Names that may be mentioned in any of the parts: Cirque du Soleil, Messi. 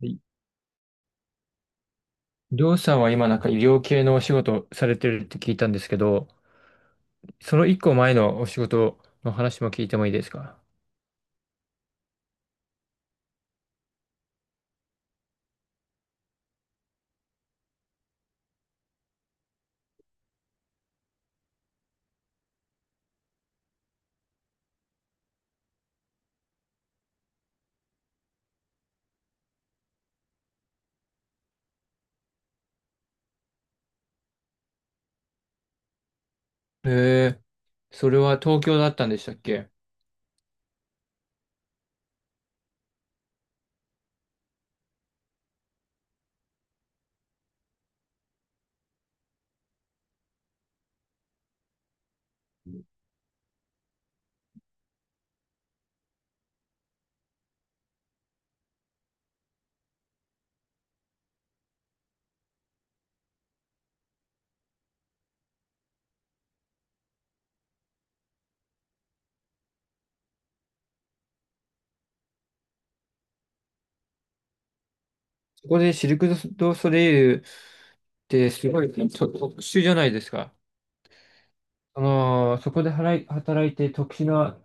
いりょうさんは今なんか医療系のお仕事をされてるって聞いたんですけど、その一個前のお仕事の話も聞いてもいいですか？へえ、それは東京だったんでしたっけ？そこでシルク・ドゥソレイユってすごいと特殊じゃないですか。その、そこで働いて特殊な、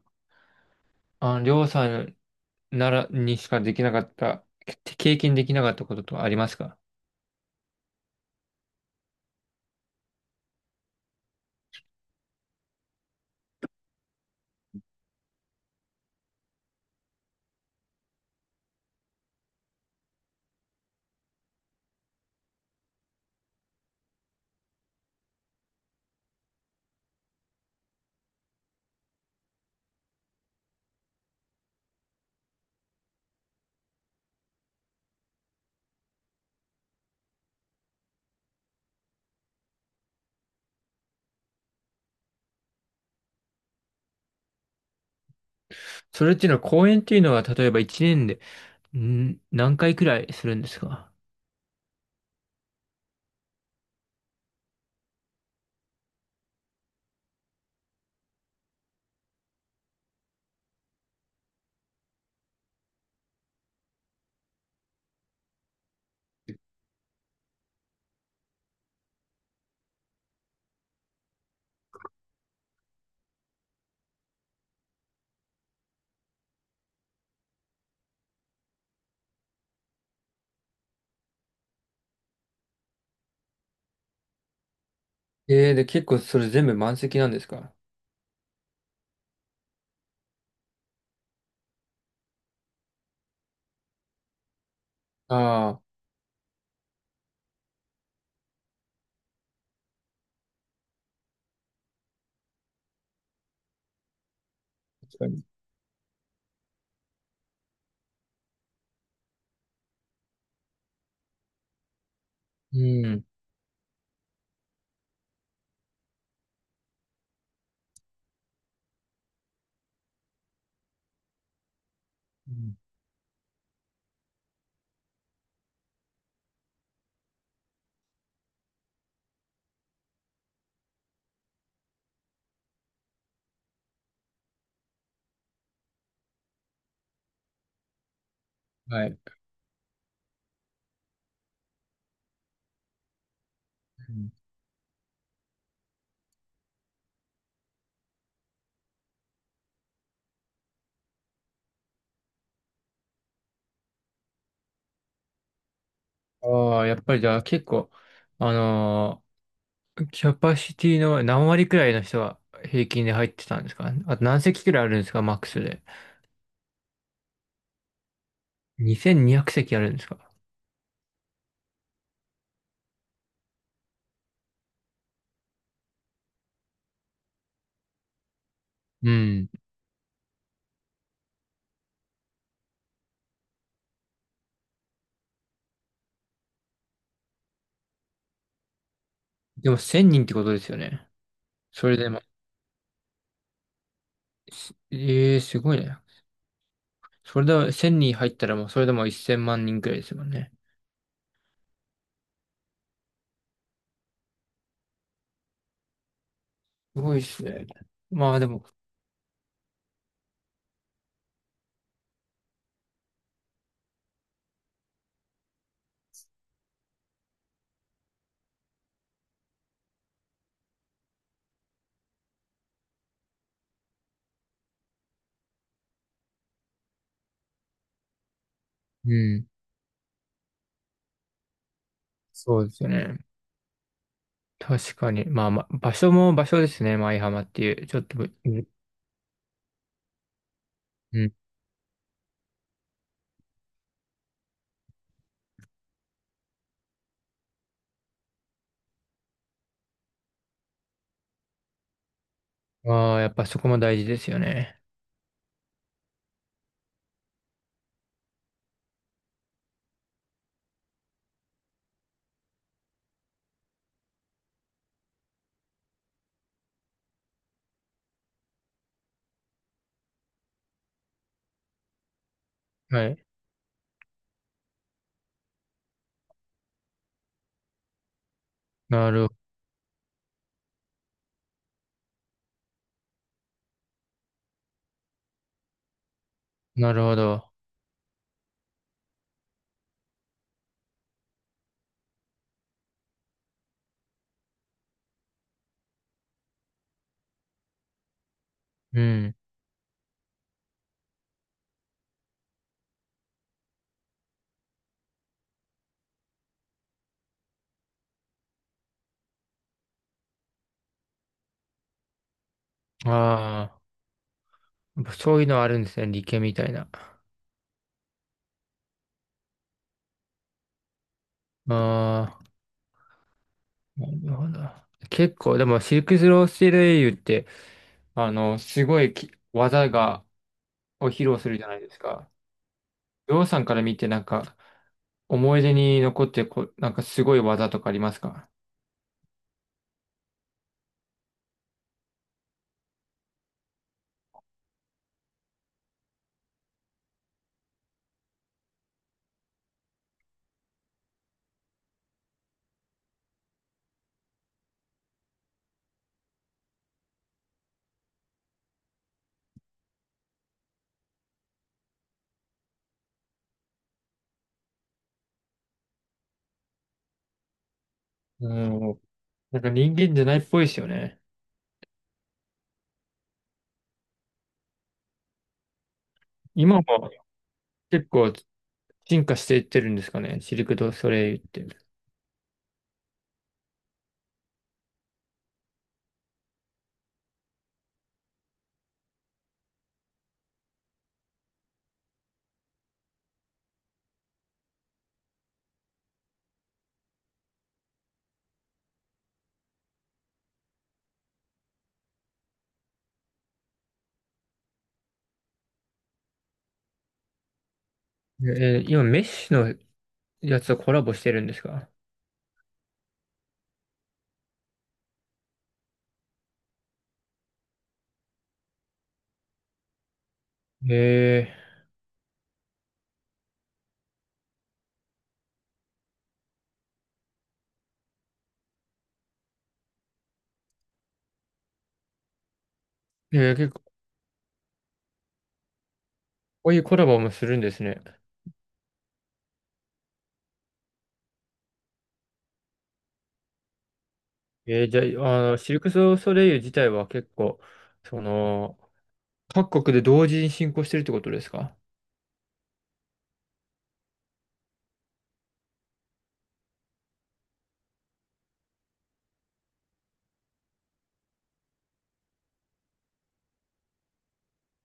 あの、りょうさんならにしかできなかった、経験できなかったこととかありますか？それっていうのは、講演っていうのは、例えば1年で、何回くらいするんですか？で、結構それ全部満席なんですか？ああー、確かに。うん。うん。はい。うん。ああ、やっぱりじゃあ結構、あのーキャパシティの何割くらいの人は平均で入ってたんですか？あと何席くらいあるんですか？マックスで。2200席あるんですか？うん。でも1000人ってことですよね。それでも、すええー、すごいね。それで1000人入ったらもうそれでも1000万人くらいですもんね。すごいですね。まあでも、うん、そうですよね。確かに。まあまあ、場所も場所ですね。舞浜っていう。ちょっとぶ、うん。うん。ああ、やっぱそこも大事ですよね。はい。なる、なるほど。うん。ああ、やっぱそういうのあるんですね。理系みたいな。ああ。なるほど。結構、でも、シルク・スロー・スティールエイユって、あの、すごい技を披露するじゃないですか。りょうさんから見て、なんか、思い出に残ってこう、なんかすごい技とかありますか？うん。なんか人間じゃないっぽいですよね。今も結構進化していってるんですかね、シルク・ドゥ・ソレイユって。今、メッシのやつとコラボしてるんですか？へえ、結構、こういうコラボもするんですね。じゃあ、あの、シルク・ソソレイユ自体は結構、その、各国で同時に進行してるってことですか？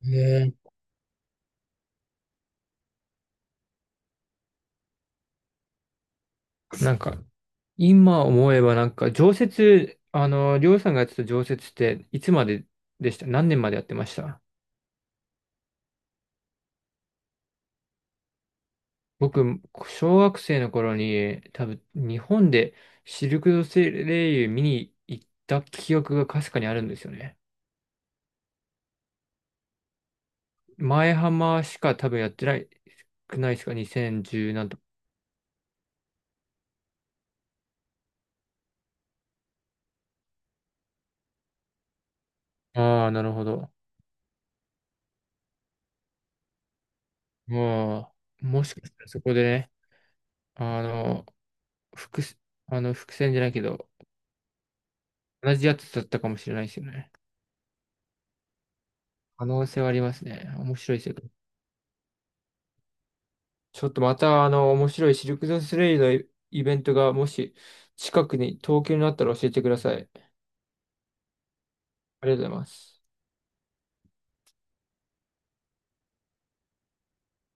え、なんか、今思えばなんか、常設、あの、りょうさんがやってた常設って、いつまででした？何年までやってました？僕、小学生の頃に、多分、日本でシルク・ドソレイユ見に行った記憶がかすかにあるんですよね。前浜しか多分やってない、少ないですか？ 2010 なんと。ああ、なるほど。まあ、もしかしたらそこでね、あの、伏、伏線じゃないけど、同じやつだったかもしれないですよね。可能性はありますね。面白い世界。ちょっとまた、あの、面白いシルク・ドゥスレイユのイベントが、もし、近くに、東京になったら教えてください。ありがとうございます。